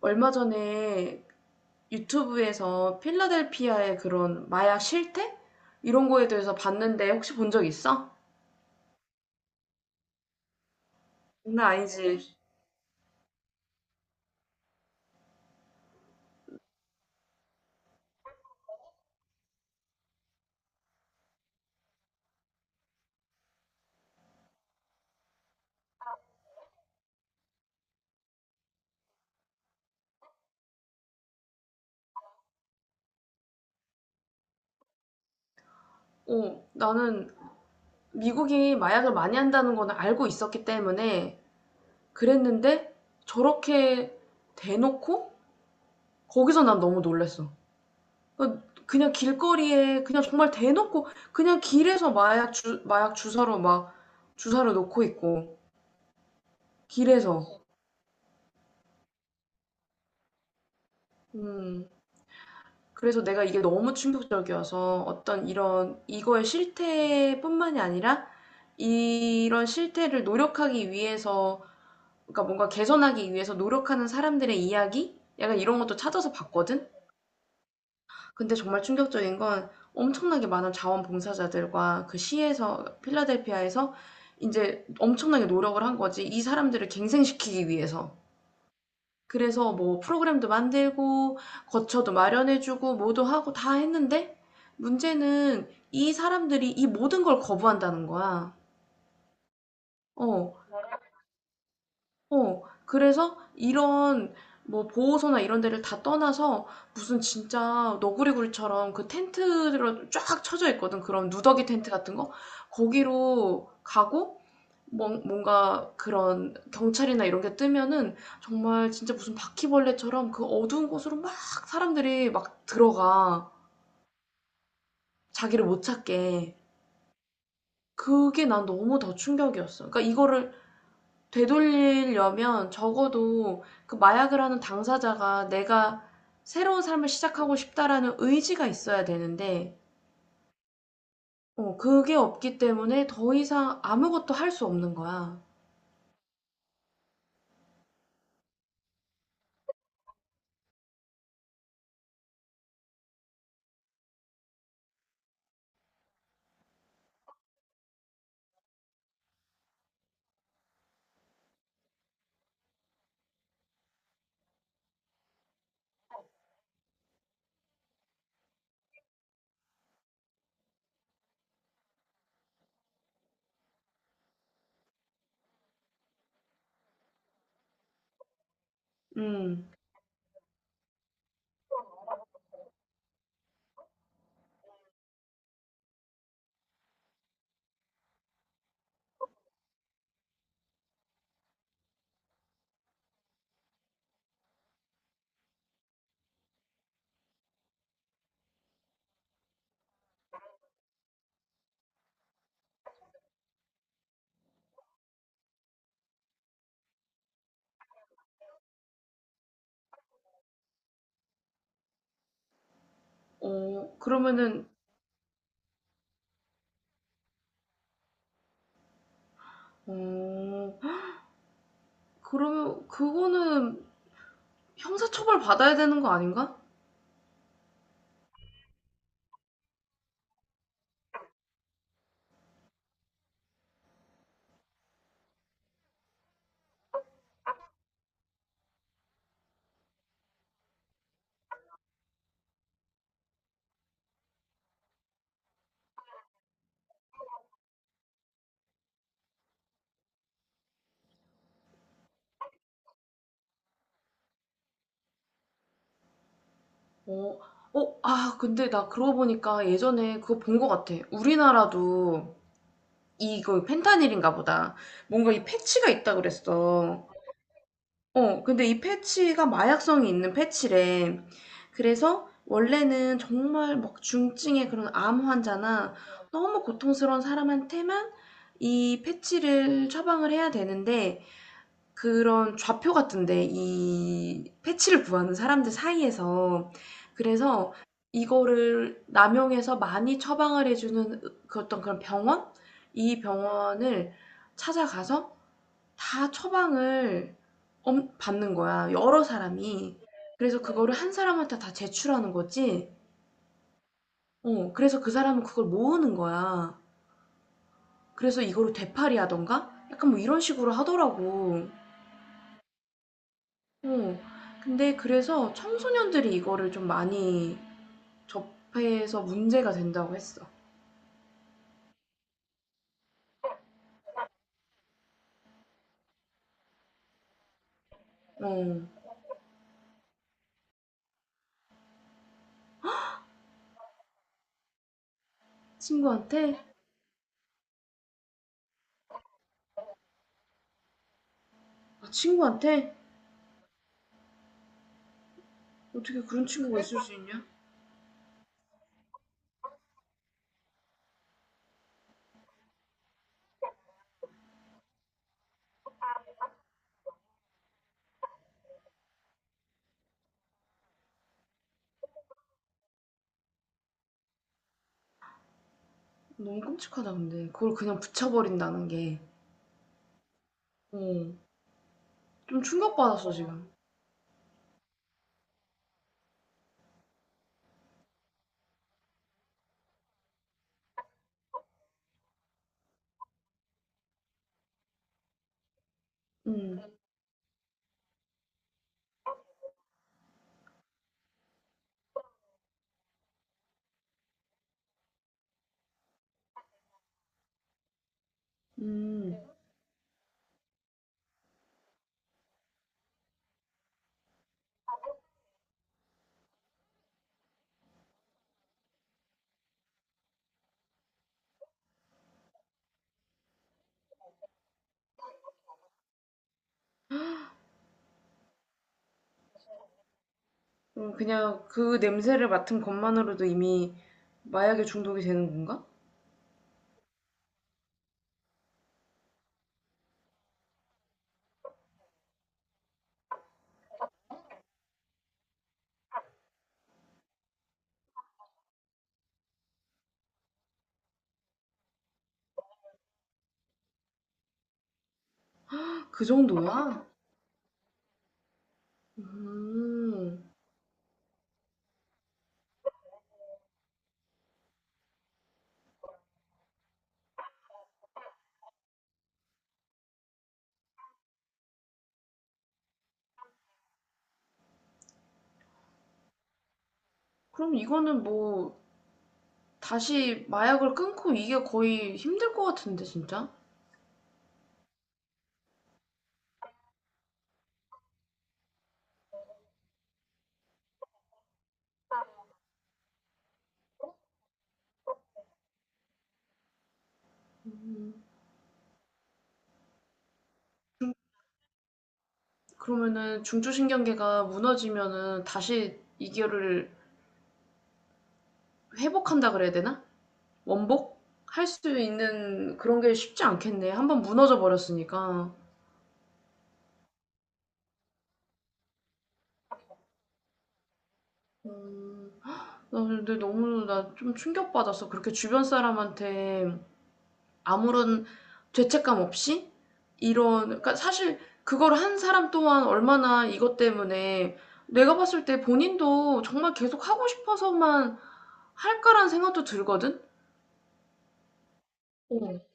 얼마 전에 유튜브에서 필라델피아의 그런 마약 실태? 이런 거에 대해서 봤는데 혹시 본 적 있어? 장난 아니지. 어, 나는 미국이 마약을 많이 한다는 거는 알고 있었기 때문에 그랬는데 저렇게 대놓고 거기서 난 너무 놀랬어. 그러니까 그냥 길거리에 그냥 정말 대놓고 그냥 길에서 마약 주, 마약 주사로 막 주사를 놓고 있고 길에서. 음. 그래서 내가 이게 너무 충격적이어서 어떤 이런 이거의 실태뿐만이 아니라 이런 실태를 노력하기 위해서 그러니까 뭔가 개선하기 위해서 노력하는 사람들의 이야기? 약간 이런 것도 찾아서 봤거든? 근데 정말 충격적인 건 엄청나게 많은 자원봉사자들과 그 시에서, 필라델피아에서 이제 엄청나게 노력을 한 거지. 이 사람들을 갱생시키기 위해서. 그래서 뭐 프로그램도 만들고 거처도 마련해 주고 뭐도 하고 다 했는데 문제는 이 사람들이 이 모든 걸 거부한다는 거야. 어, 어. 그래서 이런 뭐 보호소나 이런 데를 다 떠나서 무슨 진짜 너구리굴처럼 그 텐트로 쫙 쳐져 있거든. 그런 누더기 텐트 같은 거. 거기로 가고 뭔 뭔가 그런 경찰이나 이런 게 뜨면은 정말 진짜 무슨 바퀴벌레처럼 그 어두운 곳으로 막 사람들이 막 들어가. 자기를 못 찾게. 그게 난 너무 더 충격이었어. 그러니까 이거를 되돌리려면 적어도 그 마약을 하는 당사자가 내가 새로운 삶을 시작하고 싶다라는 의지가 있어야 되는데, 어, 그게 없기 때문에 더 이상 아무것도 할 수 없는 거야. 음, 어, 그러면은, 어, 그러면 그거는 형사처벌 받아야 되는 거 아닌가? 어, 어, 아, 근데 나 그러고 보니까 예전에 그거 본 거 같아. 우리나라도 이거 펜타닐인가 보다. 뭔가 이 패치가 있다 그랬어. 어, 근데 이 패치가 마약성이 있는 패치래. 그래서 원래는 정말 막 중증의 그런 암 환자나 너무 고통스러운 사람한테만 이 패치를 처방을 해야 되는데 그런 좌표 같은데 이 패치를 구하는 사람들 사이에서. 그래서 이거를 남용해서 많이 처방을 해 주는 그 어떤 그런 병원? 이 병원을 찾아가서 다 처방을 엄 받는 거야 여러 사람이. 그래서 그거를 한 사람한테 다 제출하는 거지. 어, 그래서 그 사람은 그걸 모으는 거야. 그래서 이거를 되팔이 하던가 약간 뭐 이런 식으로 하더라고. 어. 근데 그래서 청소년들이 이거를 좀 많이 접해서 문제가 된다고 했어. 어. 친구한테? 아, 친구한테? 어떻게 그런 친구가 있을 수 있냐? 너무 끔찍하다, 근데. 그걸 그냥 붙여버린다는 게. 어. 좀 충격받았어, 지금. 음. 음. 어, 그냥 그 냄새를 맡은 것만으로도 이미 마약에 중독이 되는 건가? 그 정도야? 음. 그럼 이거는 뭐 다시 마약을 끊고 이게 거의 힘들 것 같은데 진짜? 그러면은 중추신경계가 무너지면은 다시 이거를 회복한다 그래야 되나? 원복? 할 수 있는 그런 게 쉽지 않겠네. 한번 무너져 버렸으니까. 음, 나 근데 너무 나 좀 충격받았어. 그렇게 주변 사람한테 아무런 죄책감 없이 이런 그러니까 사실 그걸 한 사람 또한 얼마나 이것 때문에 내가 봤을 때 본인도 정말 계속 하고 싶어서만 할까라는 생각도 들거든? 어.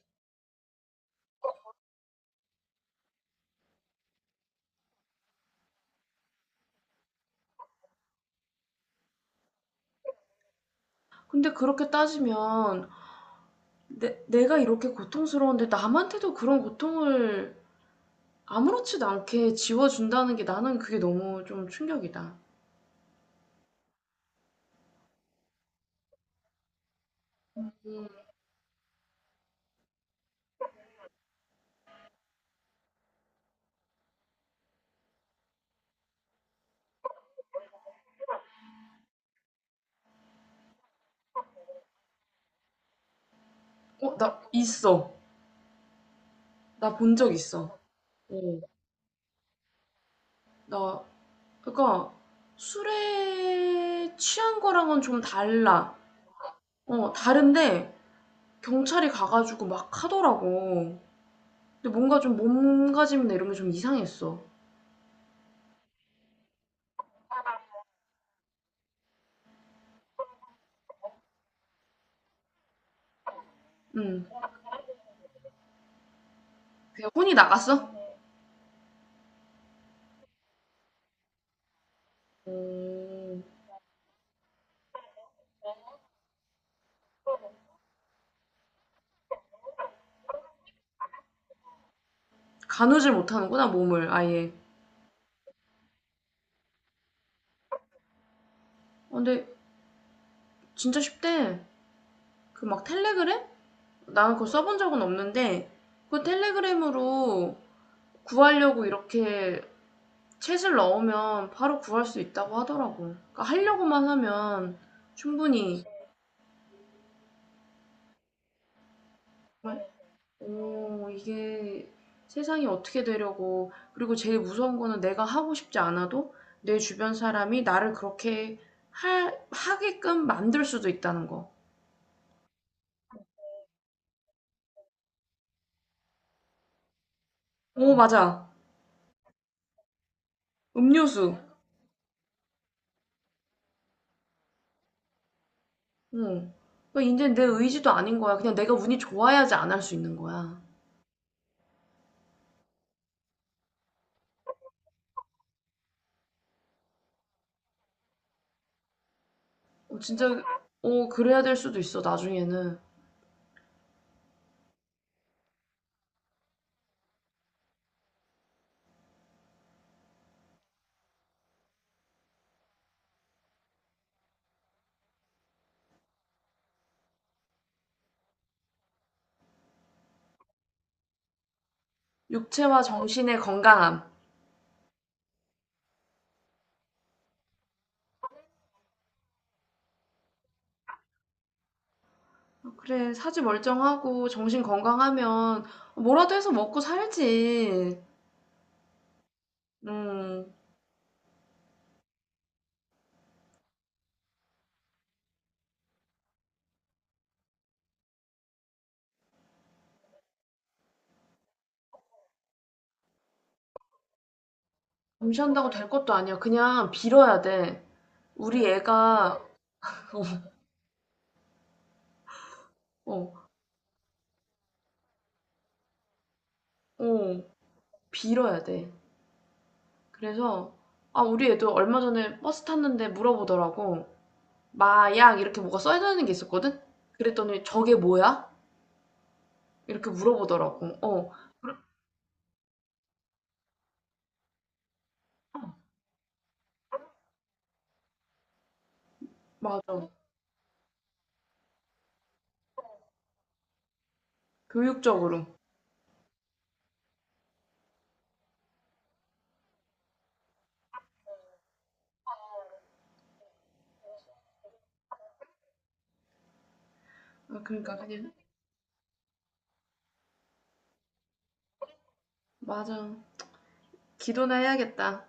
근데 그렇게 따지면 내 내가 이렇게 고통스러운데 남한테도 그런 고통을 아무렇지도 않게 지워준다는 게 나는 그게 너무 좀 충격이다. 어, 나 있어. 나 본 적 있어. 어. 나 그러니까 술에 취한 거랑은 좀 달라. 어, 다른데 경찰이 가가지고 막 하더라고. 근데 뭔가 좀 몸가짐이나 이런 게 좀 이상했어. 응. 그냥 혼이 나갔어? 가누질 못하는구나, 몸을 아예. 어, 근데 진짜 쉽대. 그 막 텔레그램? 나는 그거 써본 적은 없는데 그 텔레그램으로 구하려고 이렇게 챗을 넣으면 바로 구할 수 있다고 하더라고. 그러니까 하려고만 하면 충분히. 오.. 이게 세상이 어떻게 되려고, 그리고 제일 무서운 거는 내가 하고 싶지 않아도 내 주변 사람이 나를 그렇게 하게끔 만들 수도 있다는 거. 오, 맞아. 음료수. 응. 그러니까 이제 내 의지도 아닌 거야. 그냥 내가 운이 좋아야지 안 할 수 있는 거야. 어, 진짜, 어, 그래야 될 수도 있어, 나중에는. 육체와 정신의 건강함. 어, 그래, 사지 멀쩡하고 정신 건강하면 뭐라도 해서 먹고 살지. 음. 감시한다고 될 것도 아니야. 그냥 빌어야 돼. 우리 애가, 어, 어, 빌어야 돼. 그래서, 아, 우리 애도 얼마 전에 버스 탔는데 물어보더라고. 마약, 이렇게 뭐가 써있는 게 있었거든? 그랬더니 저게 뭐야? 이렇게 물어보더라고. 어, 맞아. 교육적으로. 아, 그러니까 그냥, 맞아. 기도나 해야겠다.